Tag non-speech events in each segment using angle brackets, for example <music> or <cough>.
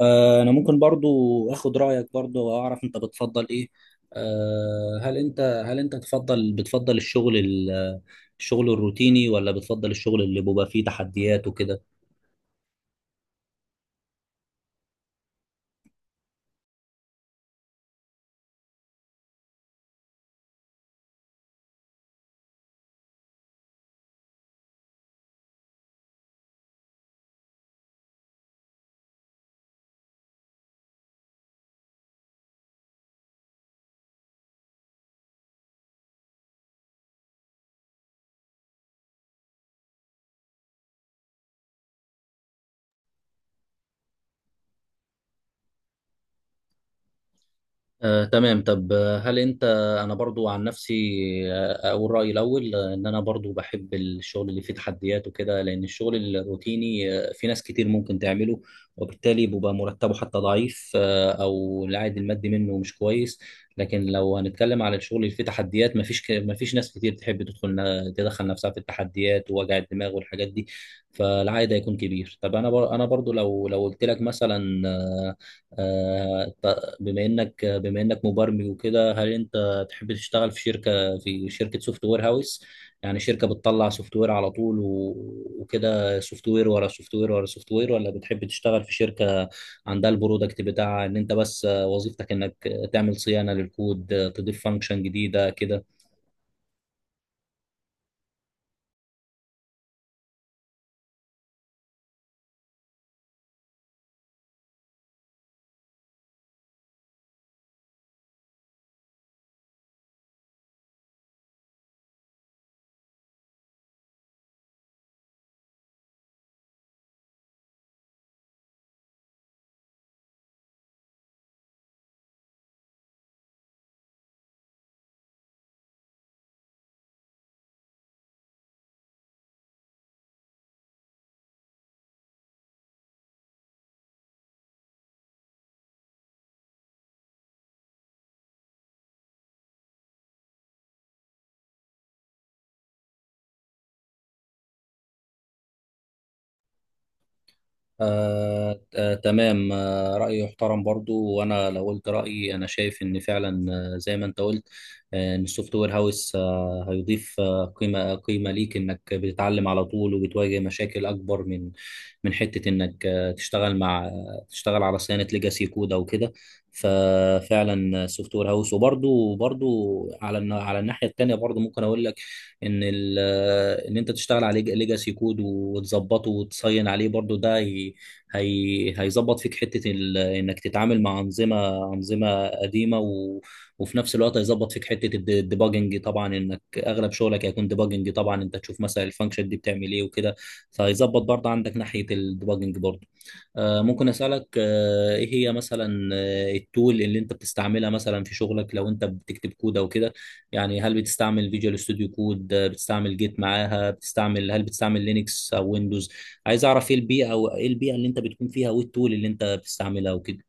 انا ممكن برضو اخد رايك برضو واعرف انت بتفضل ايه. هل انت بتفضل الشغل الشغل الروتيني، ولا بتفضل الشغل اللي بيبقى فيه تحديات وكده؟ تمام. طب هل انت انا برضو عن نفسي اقول رايي الاول. ان انا برضو بحب الشغل اللي فيه تحديات وكده، لان الشغل الروتيني في ناس كتير ممكن تعمله، وبالتالي بيبقى مرتبه حتى ضعيف، او العائد المادي منه مش كويس. لكن لو هنتكلم على الشغل اللي فيه تحديات، مفيش ناس كتير تحب تدخل، نفسها في التحديات ووجع الدماغ والحاجات دي، فالعائد هيكون كبير. طب انا انا برضو، لو قلت لك مثلا، آه، بما انك مبرمج وكده، هل انت تحب تشتغل في شركه سوفت وير هاوس؟ يعني شركه بتطلع سوفت وير على طول وكده، سوفت وير ورا سوفت وير ورا سوفت وير، ولا بتحب تشتغل في شركه عندها البرودكت بتاعها، ان انت بس وظيفتك انك تعمل صيانه للكود، تضيف فانكشن جديده كده؟ تمام، رأيي يحترم برضو. وأنا لو قلت رأيي، أنا شايف إن فعلا، زي ما أنت قلت، إن السوفت وير هاوس هيضيف قيمة، قيمة ليك، إنك بتتعلم على طول وبتواجه مشاكل أكبر من حتة إنك تشتغل مع، تشتغل على صيانة ليجاسي كود أو كده. ففعلا السوفت وير هاوس. وبرضو على على الناحية التانية، برضو ممكن أقول لك إن إن أنت تشتغل على ليجاسي كود وتظبطه وتصين عليه برضو ده، هي هيظبط فيك حته انك تتعامل مع انظمه، قديمه، وفي نفس الوقت هيظبط فيك حته الديباجنج، طبعا انك اغلب شغلك هيكون ديباجنج، طبعا انت تشوف مثلا الفانكشن دي بتعمل ايه وكده، فهيظبط برضه عندك ناحيه الديباجنج برضه. ممكن اسالك، ايه هي مثلا التول اللي انت بتستعملها مثلا في شغلك لو انت بتكتب كود او كده؟ يعني هل بتستعمل فيجوال ستوديو كود؟ بتستعمل جيت معاها؟ هل بتستعمل لينكس او ويندوز؟ عايز اعرف ايه البيئه، او ايه البيئه اللي انت بتكون فيها، وايه التول اللي انت بتستعملها وكده.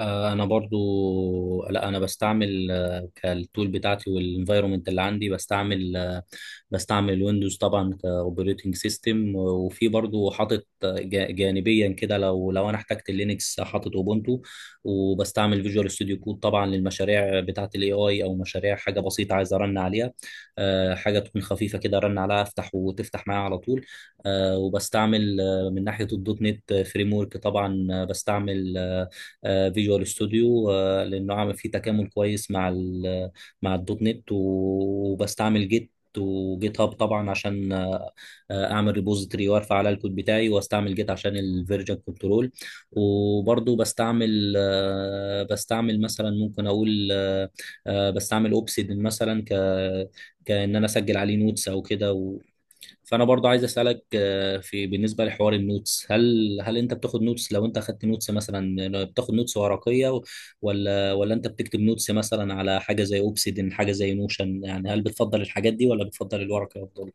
انا برضو، لا، انا بستعمل كالتول بتاعتي والانفايرومنت اللي عندي. بستعمل ويندوز طبعا كاوبريتنج سيستم، وفي برضو حاطط جانبيا كده، لو انا احتجت لينكس، حاطط اوبونتو. وبستعمل فيجوال ستوديو كود طبعا للمشاريع بتاعه الاي اي، او مشاريع حاجه بسيطه عايز ارن عليها، حاجه تكون خفيفه كده ارن عليها، افتح وتفتح معايا على طول. وبستعمل من ناحيه الدوت نت فريم ورك طبعا بستعمل فيجوال ستوديو، لانه عامل فيه تكامل كويس مع مع الدوت نت. وبستعمل جيت وجيت هاب طبعا، عشان اعمل ريبوزيتوري وارفع عليها الكود بتاعي، واستعمل جيت عشان الفيرجن كنترول. وبرضو بستعمل، مثلا، ممكن اقول بستعمل اوبسيدن مثلا، كان انا اسجل عليه نوتس او كده. فانا برضو عايز اسالك، في بالنسبه لحوار النوتس، هل انت بتاخد نوتس؟ لو انت اخدت نوتس، مثلا لو بتاخد نوتس ورقيه، ولا انت بتكتب نوتس مثلا على حاجه زي اوبسيدن، حاجه زي نوشن؟ يعني هل بتفضل الحاجات دي، ولا بتفضل الورقه افضل؟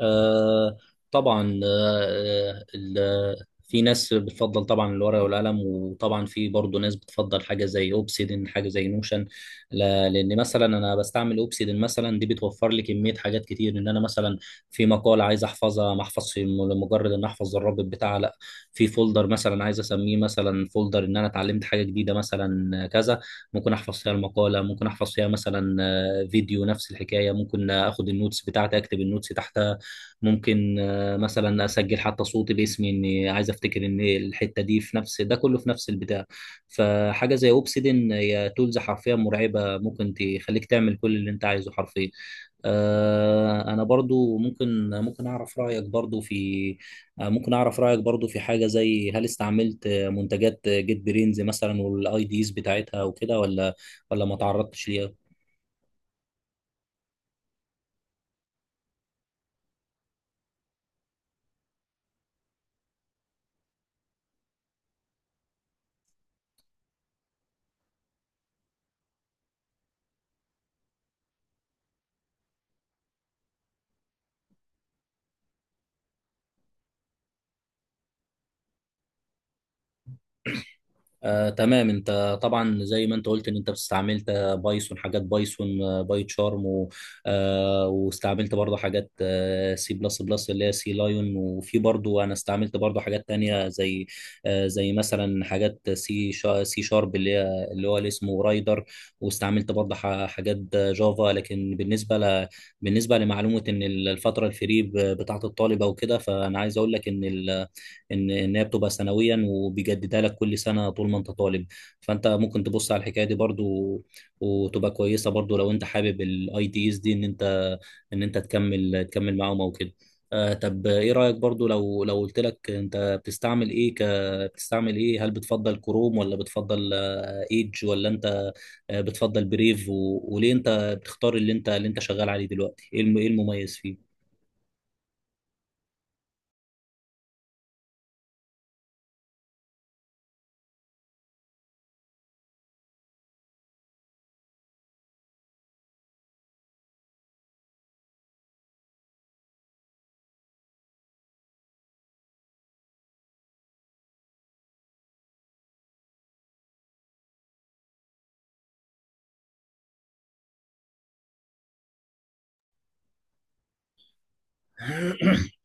آه طبعا في ناس بتفضل طبعا الورقة والقلم، وطبعا في برضه ناس بتفضل حاجة زي اوبسيدن، حاجة زي نوشن. لان مثلا انا بستعمل اوبسيدن مثلا، دي بتوفر لي كمية حاجات كتير. ان انا مثلا في مقال عايز احفظها، ما احفظش لمجرد ان احفظ الرابط بتاعها، لا، في فولدر مثلا عايز اسميه مثلا فولدر ان انا اتعلمت حاجة جديدة مثلا كذا، ممكن احفظ فيها المقالة، ممكن احفظ فيها مثلا فيديو نفس الحكاية، ممكن اخد النوتس بتاعتي اكتب النوتس تحتها، ممكن مثلا اسجل حتى صوتي باسمي اني عايز افتكر ان الحته دي، في نفس ده كله في نفس البتاع. فحاجه زي اوبسيدن هي تولز حرفيا مرعبه، ممكن تخليك تعمل كل اللي انت عايزه حرفيا. انا برضو، ممكن ممكن اعرف رايك برضو في، ممكن اعرف رايك برضو في حاجه زي: هل استعملت منتجات جيت برينز مثلا والاي ديز بتاعتها وكده، ولا ما تعرضتش ليها؟ تمام. انت طبعا زي ما انت قلت ان انت استعملت بايثون، حاجات بايثون، باي تشارم، واستعملت برضه حاجات سي بلس بلس اللي هي سي لايون. وفي برضه انا استعملت برضه حاجات تانية، زي زي مثلا حاجات سي شارب، اللي هو اللي اسمه رايدر. واستعملت برضه حاجات جافا. لكن بالنسبه بالنسبه لمعلومه ان الفتره الفري بتاعه الطالب او كده، فانا عايز اقول لك ان ان هي بتبقى سنويا وبيجددها لك كل سنه طول ما انت طالب. فانت ممكن تبص على الحكايه دي برضو، وتبقى كويسه برضو لو انت حابب الاي دي اس، دي ان انت، تكمل معاهم او كده. طب ايه رايك برضو، لو قلت لك، انت بتستعمل ايه بتستعمل ايه؟ هل بتفضل كروم، ولا بتفضل ايدج، ولا انت بتفضل بريف؟ وليه انت بتختار اللي انت شغال عليه دلوقتي؟ ايه ايه المميز فيه؟ <coughs>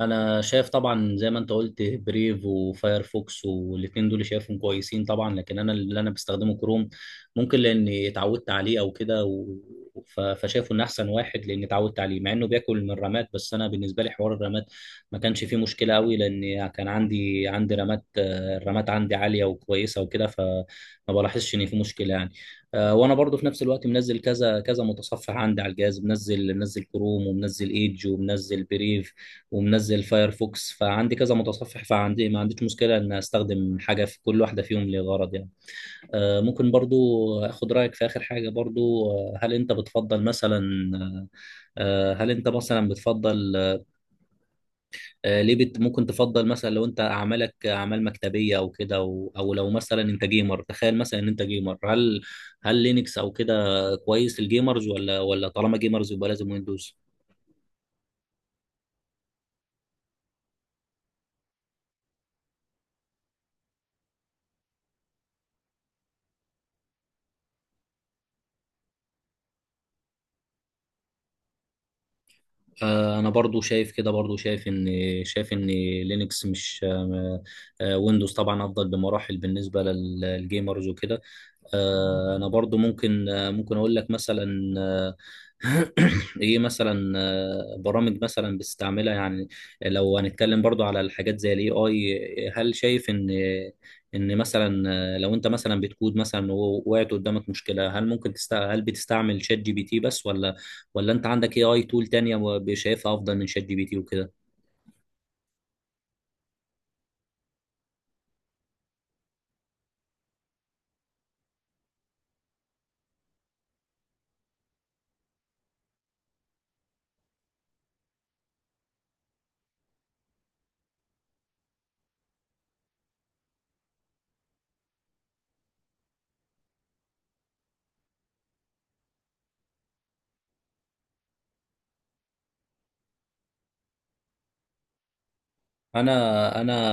انا شايف طبعا، زي ما انت قلت، بريف وفايرفوكس، والاتنين دول شايفهم كويسين طبعا. لكن انا، اللي انا بستخدمه، كروم. ممكن لاني اتعودت عليه او كده، فشايفه ان احسن واحد لاني اتعودت عليه. مع انه بياكل من الرامات، بس انا بالنسبه لي حوار الرامات ما كانش فيه مشكله قوي، لان كان عندي رامات، الرامات عندي عاليه وكويسه وكده، فما بلاحظش ان في مشكله يعني. وانا برضو في نفس الوقت منزل كذا كذا متصفح عندي على الجهاز، منزل، كروم، ومنزل ايدج، ومنزل بريف، ومنزل فايرفوكس. فعندي كذا متصفح، فعندي ما عنديش مشكلة إن أستخدم حاجة في كل واحدة فيهم لغرض يعني. ممكن برضو أخد رأيك في آخر حاجة برضو. هل أنت بتفضل مثلا، آه، هل أنت مثلا بتفضل، ليه ممكن تفضل مثلا لو أنت أعمالك أعمال مكتبية أو كده، أو لو مثلا أنت جيمر، تخيل مثلا إن أنت جيمر، هل لينكس أو كده كويس الجيمرز، ولا طالما جيمرز يبقى لازم ويندوز؟ انا برضو شايف كده، برضو شايف ان، شايف ان لينكس مش، ويندوز طبعا افضل بمراحل بالنسبه للجيمرز وكده. انا برضو ممكن، اقول لك مثلا، <clears throat> ايه مثلا، برامج مثلا بتستعملها يعني؟ لو هنتكلم برضو على الحاجات زي الاي اي، هل شايف ان مثلا، لو انت مثلا بتكود مثلا ووقعت قدامك مشكلة، هل بتستعمل شات جي بي تي بس، ولا انت عندك اي اي تول تانية شايفها افضل من شات جي بي تي وكده؟ انا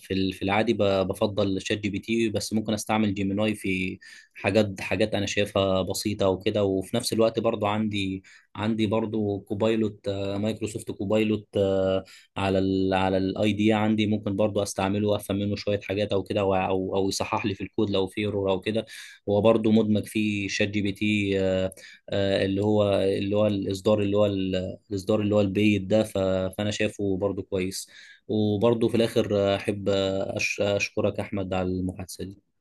في في العادي بفضل شات جي بي تي، بس ممكن استعمل جيميناي في حاجات، انا شايفها بسيطه وكده. وفي نفس الوقت برضو عندي برضو كوبايلوت، مايكروسوفت كوبايلوت، على على الاي دي عندي، ممكن برضو استعمله وافهم منه شويه حاجات او كده، او او أو يصحح لي في الكود لو في ايرور او كده. هو برضو مدمج فيه شات جي بي تي، اللي هو الاصدار، الاصدار اللي هو البيت ده. فانا شايفه برضو كويس. وبرضه في الآخر أحب أشكرك أحمد على المحادثة دي.